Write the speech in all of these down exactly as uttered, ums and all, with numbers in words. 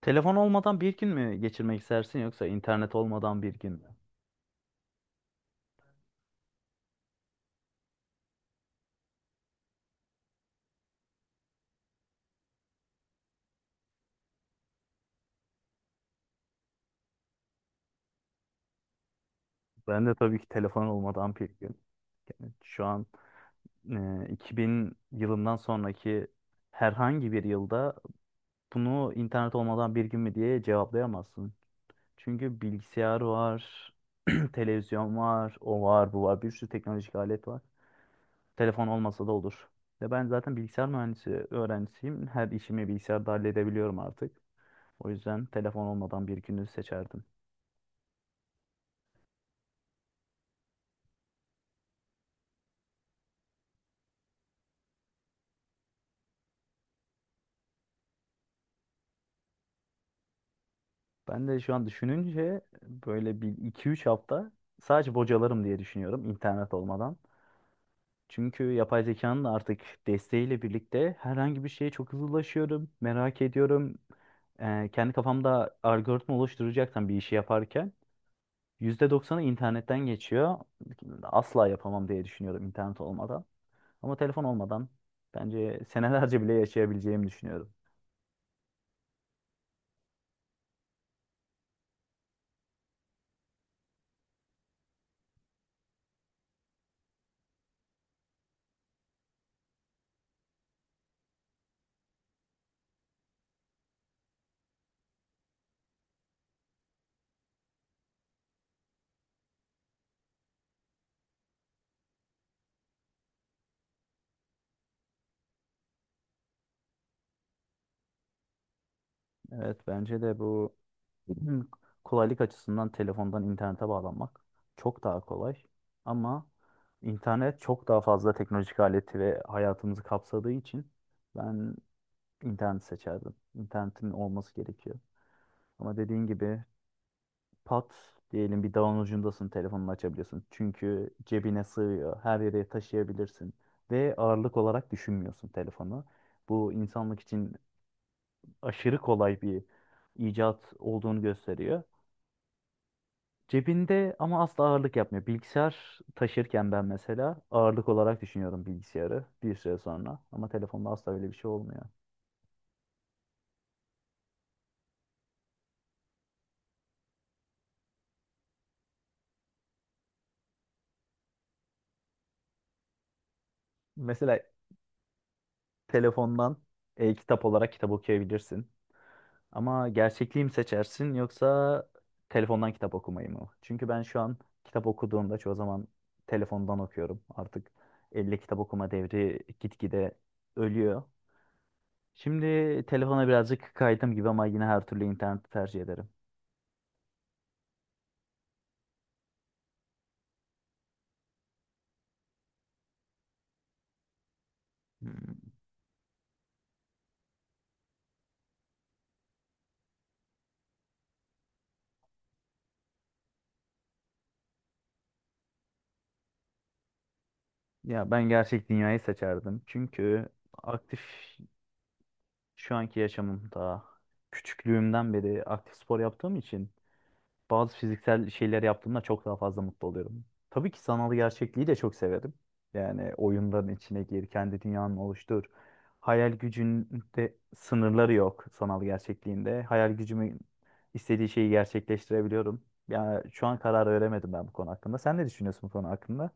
Telefon olmadan bir gün mü geçirmek istersin yoksa internet olmadan bir gün mü? Ben de tabii ki telefon olmadan bir gün. Şu an e, iki bin yılından sonraki herhangi bir yılda bunu internet olmadan bir gün mü diye cevaplayamazsın. Çünkü bilgisayar var, televizyon var, o var, bu var. Bir sürü teknolojik alet var. Telefon olmasa da olur. Ve ben zaten bilgisayar mühendisi öğrencisiyim. Her işimi bilgisayarda halledebiliyorum artık. O yüzden telefon olmadan bir günü seçerdim. Ben de şu an düşününce böyle bir iki üç hafta sadece bocalarım diye düşünüyorum internet olmadan. Çünkü yapay zekanın da artık desteğiyle birlikte herhangi bir şeye çok hızlı ulaşıyorum, merak ediyorum. Ee, kendi kafamda algoritma oluşturacaksam bir işi yaparken yüzde doksanı internetten geçiyor. Asla yapamam diye düşünüyorum internet olmadan. Ama telefon olmadan bence senelerce bile yaşayabileceğimi düşünüyorum. Evet, bence de bu Hı, kolaylık açısından telefondan internete bağlanmak çok daha kolay. Ama internet çok daha fazla teknolojik aleti ve hayatımızı kapsadığı için ben internet seçerdim. İnternetin olması gerekiyor. Ama dediğin gibi pat diyelim bir dağın ucundasın telefonunu açabiliyorsun. Çünkü cebine sığıyor, her yere taşıyabilirsin ve ağırlık olarak düşünmüyorsun telefonu. Bu insanlık için aşırı kolay bir icat olduğunu gösteriyor. Cebinde ama asla ağırlık yapmıyor. Bilgisayar taşırken ben mesela ağırlık olarak düşünüyorum bilgisayarı bir süre sonra. Ama telefonda asla öyle bir şey olmuyor. Mesela telefondan e-kitap olarak kitap okuyabilirsin. Ama gerçekliği mi seçersin yoksa telefondan kitap okumayı mı? Çünkü ben şu an kitap okuduğumda çoğu zaman telefondan okuyorum. Artık elle kitap okuma devri gitgide ölüyor. Şimdi telefona birazcık kaydım gibi ama yine her türlü interneti tercih ederim. Hmm. Ya, ben gerçek dünyayı seçerdim. Çünkü aktif şu anki yaşamım daha küçüklüğümden beri aktif spor yaptığım için bazı fiziksel şeyler yaptığımda çok daha fazla mutlu oluyorum. Tabii ki sanal gerçekliği de çok severim. Yani oyunların içine gir, kendi dünyanı oluştur. Hayal gücünde sınırları yok sanal gerçekliğinde. Hayal gücümün istediği şeyi gerçekleştirebiliyorum. Ya şu an karar veremedim ben bu konu hakkında. Sen ne düşünüyorsun bu konu hakkında?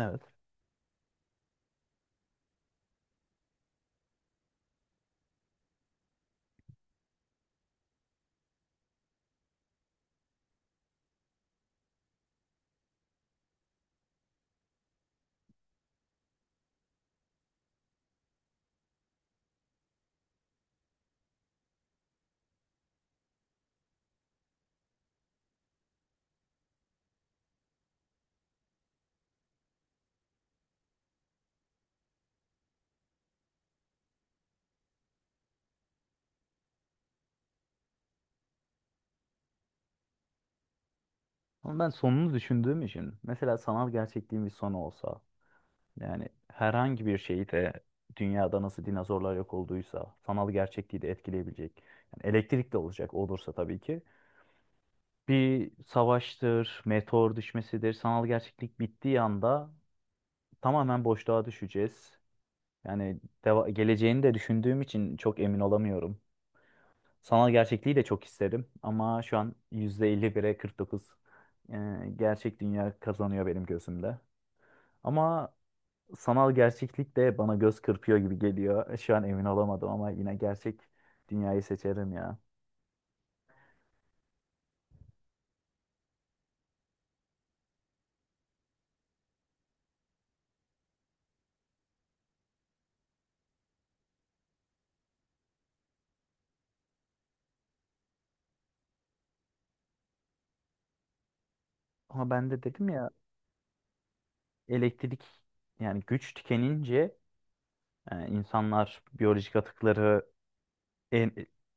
Evet. Ama ben sonunu düşündüğüm için mesela sanal gerçekliğin bir sonu olsa yani herhangi bir şeyi de dünyada nasıl dinozorlar yok olduysa sanal gerçekliği de etkileyebilecek. Yani elektrik de olacak olursa tabii ki. Bir savaştır, meteor düşmesidir. Sanal gerçeklik bittiği anda tamamen boşluğa düşeceğiz. Yani deva- geleceğini de düşündüğüm için çok emin olamıyorum. Sanal gerçekliği de çok isterim ama şu an yüzde elli bire kırk dokuz e, gerçek dünya kazanıyor benim gözümde. Ama sanal gerçeklik de bana göz kırpıyor gibi geliyor. E, Şu an emin olamadım ama yine gerçek dünyayı seçerim ya. Ama ben de dedim ya elektrik yani güç tükenince e, insanlar biyolojik atıkları en,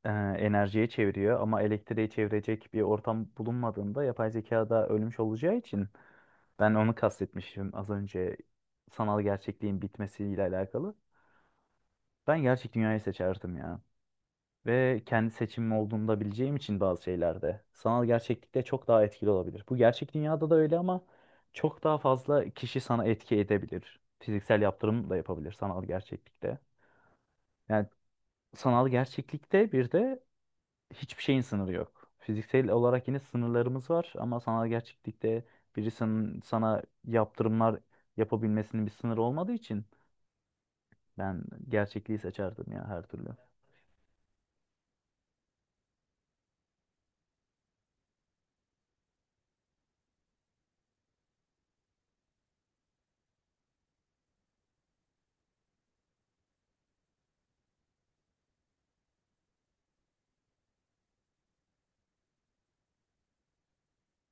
e, enerjiye çeviriyor ama elektriğe çevirecek bir ortam bulunmadığında yapay zeka da ölmüş olacağı için ben onu kastetmişim az önce sanal gerçekliğin bitmesiyle alakalı. Ben gerçek dünyayı seçerdim ya. Ve kendi seçimim olduğunu da bileceğim için bazı şeylerde sanal gerçeklikte çok daha etkili olabilir. Bu gerçek dünyada da öyle ama çok daha fazla kişi sana etki edebilir. Fiziksel yaptırım da yapabilir sanal gerçeklikte. Yani sanal gerçeklikte bir de hiçbir şeyin sınırı yok. Fiziksel olarak yine sınırlarımız var ama sanal gerçeklikte birisinin sana yaptırımlar yapabilmesinin bir sınırı olmadığı için ben gerçekliği seçerdim ya her türlü.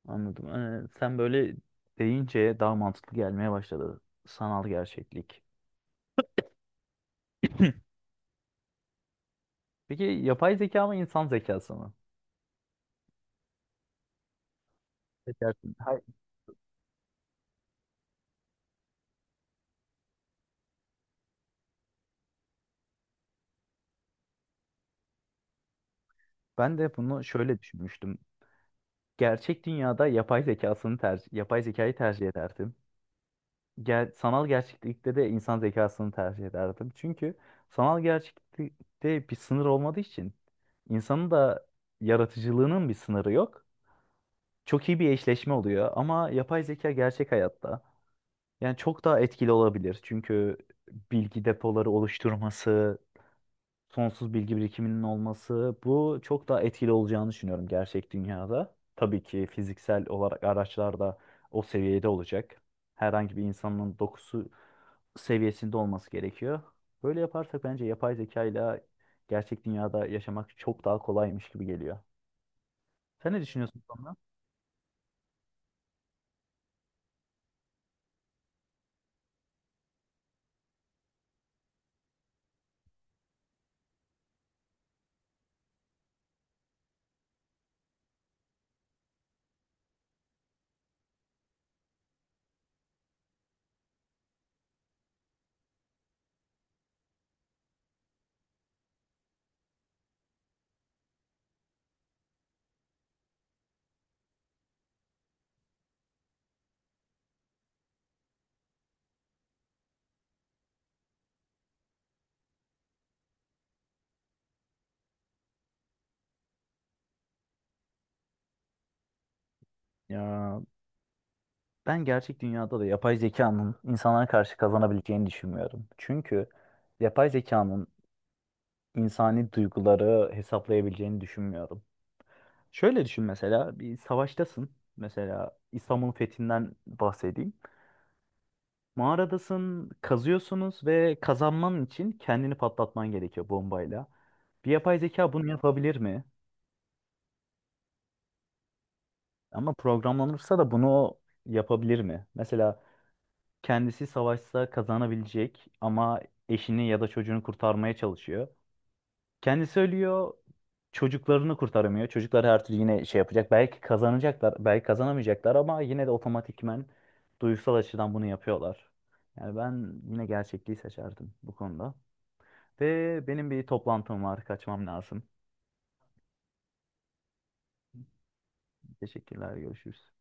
Anladım. Ee, sen böyle deyince daha mantıklı gelmeye başladı. Sanal gerçeklik. Peki yapay zeka mı insan zekası mı? Ne Hay- Ben de bunu şöyle düşünmüştüm. Gerçek dünyada yapay zekasını tercih, yapay zekayı tercih ederdim. Ger sanal gerçeklikte de insan zekasını tercih ederdim. Çünkü sanal gerçeklikte bir sınır olmadığı için insanın da yaratıcılığının bir sınırı yok. Çok iyi bir eşleşme oluyor ama yapay zeka gerçek hayatta. Yani çok daha etkili olabilir. Çünkü bilgi depoları oluşturması, sonsuz bilgi birikiminin olması bu çok daha etkili olacağını düşünüyorum gerçek dünyada. Tabii ki fiziksel olarak araçlar da o seviyede olacak. Herhangi bir insanın dokusu seviyesinde olması gerekiyor. Böyle yaparsak bence yapay zeka ile gerçek dünyada yaşamak çok daha kolaymış gibi geliyor. Sen ne düşünüyorsun bu konuda? Ya, ben gerçek dünyada da yapay zekanın insanlara karşı kazanabileceğini düşünmüyorum. Çünkü yapay zekanın insani duyguları hesaplayabileceğini düşünmüyorum. Şöyle düşün mesela bir savaştasın. Mesela İstanbul'un fethinden bahsedeyim. Mağaradasın, kazıyorsunuz ve kazanman için kendini patlatman gerekiyor bombayla. Bir yapay zeka bunu yapabilir mi? Ama programlanırsa da bunu yapabilir mi? Mesela kendisi savaşsa kazanabilecek ama eşini ya da çocuğunu kurtarmaya çalışıyor. Kendisi ölüyor, çocuklarını kurtaramıyor. Çocuklar her türlü yine şey yapacak. Belki kazanacaklar, belki kazanamayacaklar ama yine de otomatikmen duygusal açıdan bunu yapıyorlar. Yani ben yine gerçekliği seçerdim bu konuda. Ve benim bir toplantım var, kaçmam lazım. Teşekkürler, görüşürüz.